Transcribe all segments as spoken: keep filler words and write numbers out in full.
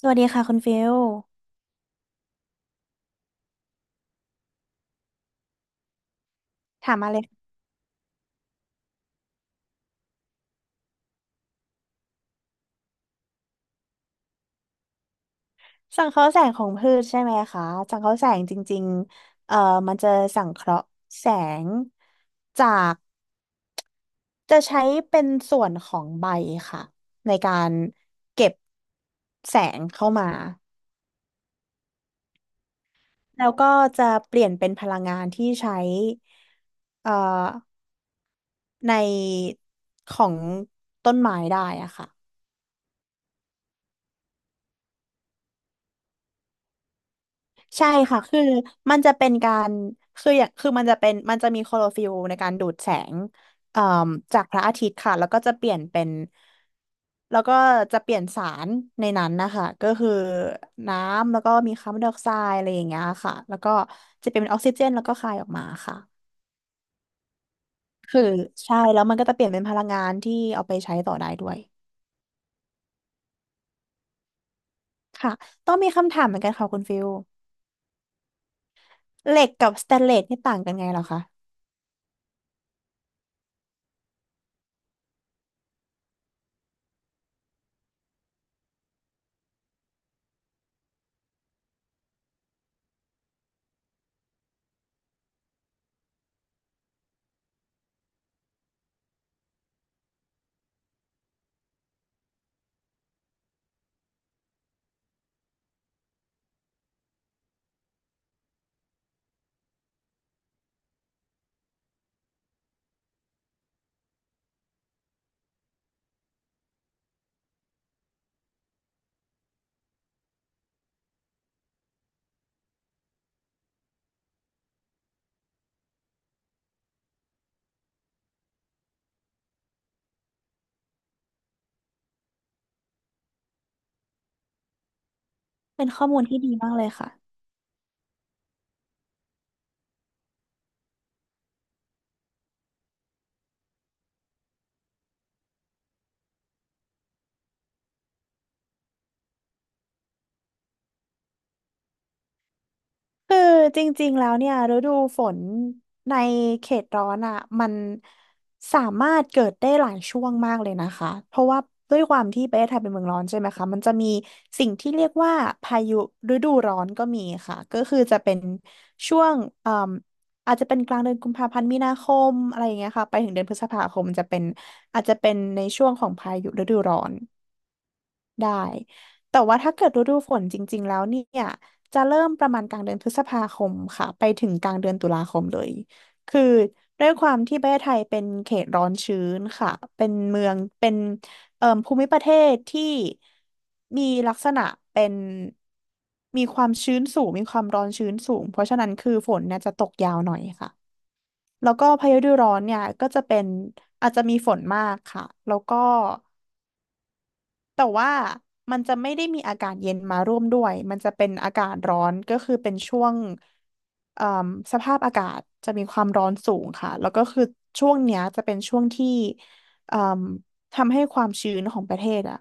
สวัสดีค่ะคุณฟิลถามมาเลยสังเคราะห์แสงของพืชใช่ไหมคะสังเคราะห์แสงจริงๆเอ่อมันจะสังเคราะห์แสงจากจะใช้เป็นส่วนของใบค่ะในการเก็บแสงเข้ามาแล้วก็จะเปลี่ยนเป็นพลังงานที่ใช้เอ่อในของต้นไม้ได้อะค่ะ ใช่ค่ะ คือมันจะเป็นการคืออย่างคือมันจะเป็นมันจะมีโคลอฟิลในการดูดแสงเอ่อจากพระอาทิตย์ค่ะ แล้วก็จะเปลี่ยนเป็น แล้วก็จะเปลี่ยนสารในนั้นนะคะ ก็คือน้ำแล้วก็มีคาร์บอนไดออกไซด์อะไรอย่างเงี้ยค่ะ แล้วก็จะเป็นออกซิเจนแล้วก็คายออกมาค่ะ คือใช่แล้วมันก็จะเปลี่ยนเป็นพลังงานที่เอาไปใช้ต่อได้ด้วย ค่ะต้องมีคำถามเหมือนกันค่ะคุณฟิลเหล็กกับสแตนเลสนี่ต่างกันไงเหรอคะเป็นข้อมูลที่ดีมากเลยค่ะ คือจริงๆแล้วเนี่ยฤดูฝนในเขตร้อนอ่ะมันสามารถเกิดได้หลายช่วงมากเลยนะคะเพราะว่าด้วยความที่ประเทศไทยเป็นเมืองร้อนใช่ไหมคะมันจะมีสิ่งที่เรียกว่าพายุฤดูร้อนก็มีค่ะก็คือจะเป็นช่วงเอ่มอาจจะเป็นกลางเดือนกุมภาพันธ์มีนาคมอะไรอย่างเงี้ยค่ะไปถึงเดือนพฤษภาคมจะเป็นอาจจะเป็นในช่วงของพายุฤดูร้อน ได้แต่ว่าถ้าเกิดฤดูฝนจริงๆแล้วเนี่ยจะเริ่มประมาณกลางเดือนพฤษภาคมค่ะไปถึงกลางเดือนตุลาคมเลยคือด้วยความที่ประเทศไทยเป็นเขตร้อนชื้นค่ะเป็นเมืองเป็นเอ่อภูมิประเทศที่มีลักษณะเป็นมีความชื้นสูงมีความร้อนชื้นสูงเพราะฉะนั้นคือฝนเนี่ยจะตกยาวหน่อยค่ะแล้วก็พายุฤดูร้อนเนี่ยก็จะเป็นอาจจะมีฝนมากค่ะแล้วก็ แต่ว่ามันจะไม่ได้มีอากาศเย็นมาร่วมด้วย มันจะเป็นอากาศร้อน ก็คือเป็นช่วงเอ่อสภาพอากาศจะมีความร้อนสูงค่ะ แล้วก็คือช่วงเนี้ยจะเป็นช่วงที่เอ่อทำให้ความชื้นของประเทศอะ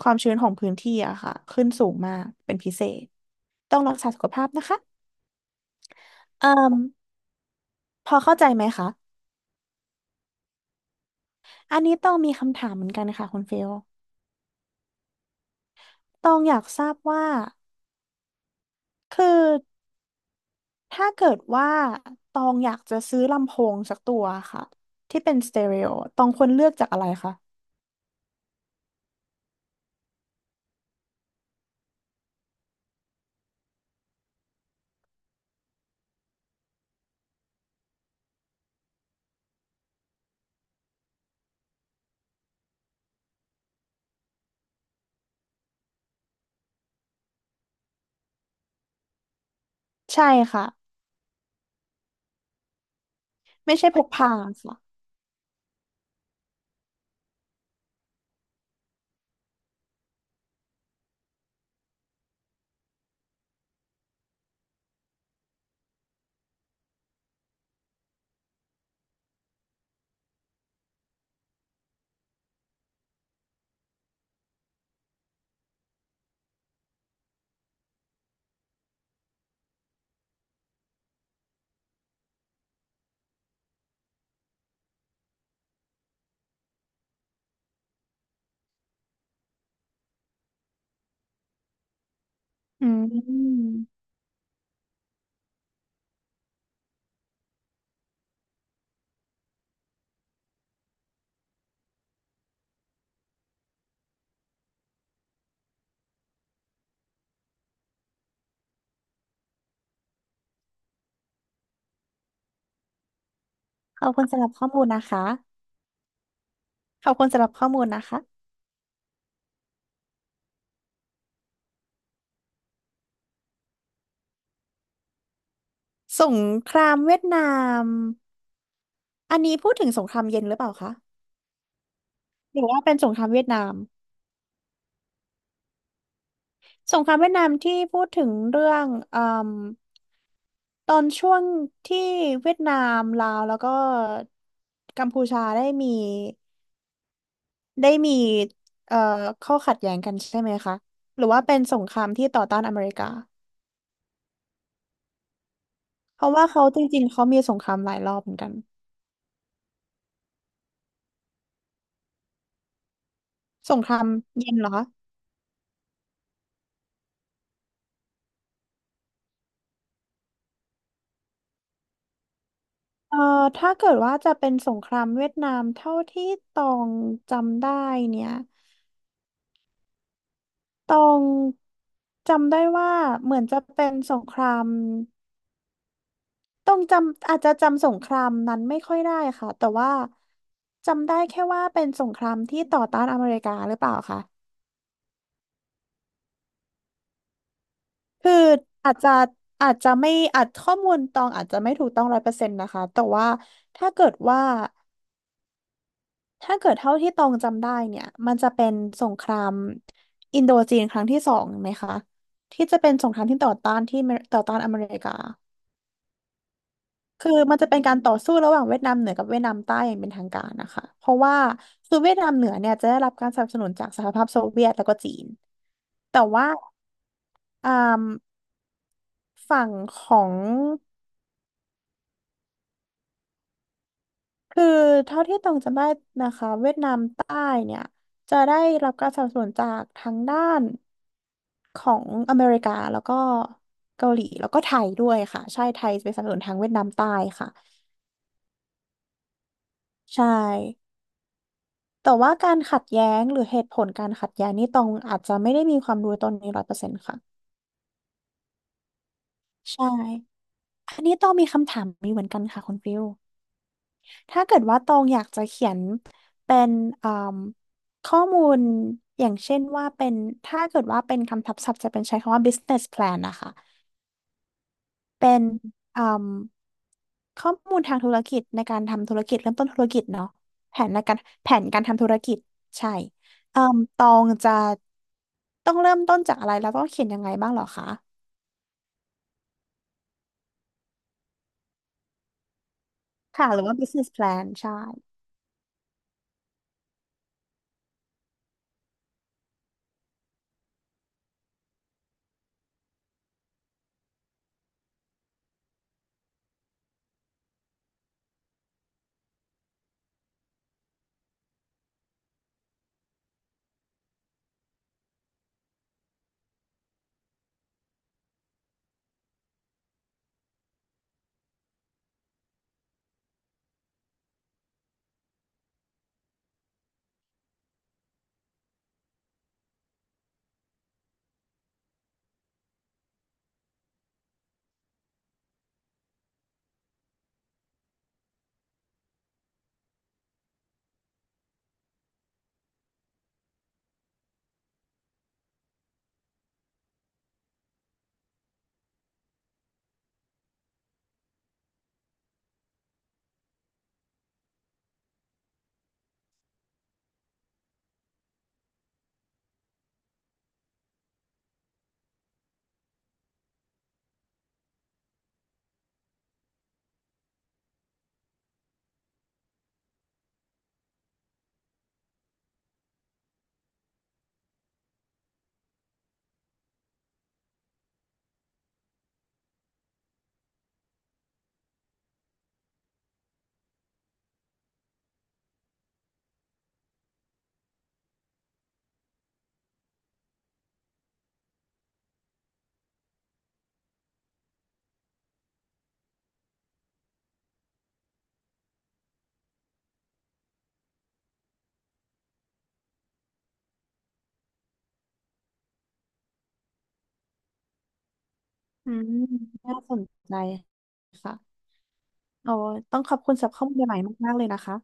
ความชื้นของพื้นที่อะค่ะ ขึ้นสูงมาก เป็นพิเศษ ต้องรักษาสุขภาพนะคะเอ่อพอเข้าใจไหมคะอันนี้ต้องมีคำถามเหมือนกันค่ะคุณเฟลตองอยากทราบว่าคือ ถ้าเกิดว่าตองอยากจะซื้อลำโพงสักตัวค่ะที่เป็นสเตอริโอตองควรเลือกจากอะไรคะใช่ค่ะไม่ใช่พกพาค่ะอืมขอบคุณสำหรับข้อมูลนะคะขอบคุณสำหรับข้อมูลนะคะสงครามเวียดนามอันนี้พูดถึงสงครามเย็นหรือเปล่าคะหรือว่าเป็นสงครามเวียดนามสงครามเวียดนามที่พูดถึงเรื่องเอ่มตอนช่วงที่เวียดนามลาวแล้วก็กัมพูชาได้มี ได้มีเอ่อข้อขัดแย้งกันใช่ไหมคะหรือว่าเป็นสงครามที่ต่อต้านอเมริกาเพราะว่าเขาจริงๆเขามีสงครามหลายรอบเหมือนกันสงครามเย็นเหรอคะเอ่อถ้าเกิดว่าจะเป็นสงครามเวียดนามเท่าที่ตองจำได้เนี่ยตองจำได้ว่าเหมือนจะเป็นสงครามต้องจำอาจจะจำสงครามนั้นไม่ค่อยได้ค่ะแต่ว่าจำได้แค่ว่าเป็นสงครามที่ต่อต้านอเมริกาหรือเปล่าคะ คืออาจจะอาจจะไม่อาจข้อมูลตองอาจจะไม่ถูกต้องร้อยเปอร์เซ็นต์นะคะแต่ว่าถ้าเกิดว่าถ้าเกิดเท่าที่ตองจำได้เนี่ยมันจะเป็นสงครามอินโดจีนครั้งที่สองไหมคะที่จะเป็นสงครามที่ต่อต้านที่เมต่อต้านอเมริกาคือมันจะเป็นการต่อสู้ระหว่างเวียดนามเหนือกับเวียดนามใต้อย่างเป็นทางการนะคะเพราะว่าคือเวียดนามเหนือเนี่ยจะได้รับการสนับสนุนจากสหภาพโซเวียตแล้วก็จีนแต่ว่าอ่าฝั่งของ คือเท่าที่ตองจำได้นะคะเวียดนามใต้เนี่ยจะได้รับการสนับสนุนจากทั้งด้านของอเมริกาแล้วก็เกาหลีแล้วก็ไทยด้วยค่ะใช่ไทยจะไปนสนับสนุนทางเวียดนามใต้ค่ะใช่แต่ว่าการขัดแย้งหรือเหตุผลการขัดแย้งนี่ตองอาจจะไม่ได้มีความรู้ตรงนี้ร้อยเปอร์เซ็นต์ค่ะใช่อันนี้ต้องมีคำถามนี้เหมือนกันค่ะคุณฟิล ถ้าเกิดว่าตองอยากจะเขียนเป็นอ่มข้อมูลอย่างเช่นว่าเป็นถ้าเกิดว่าเป็นคำทับศัพท์จะเป็นใช้คำว่า business plan นะคะเป็นอ่มข้อมูลทางธุรกิจในการทำธุรกิจเริ่มต้นธุรกิจเนาะแผนในการแผนการทำธุรกิจใช่เอ่มตองจะต้องเริ่มต้นจากอะไรแล้วต้องเขียนยังไงบ้างเหรอคะค่ะหรือว่า business plan ใช่อืมน่าสนใจค่ะโอ้ต้องขอบคุณสำหรับข้อมูลใหม่ๆมากๆเลยนะคะ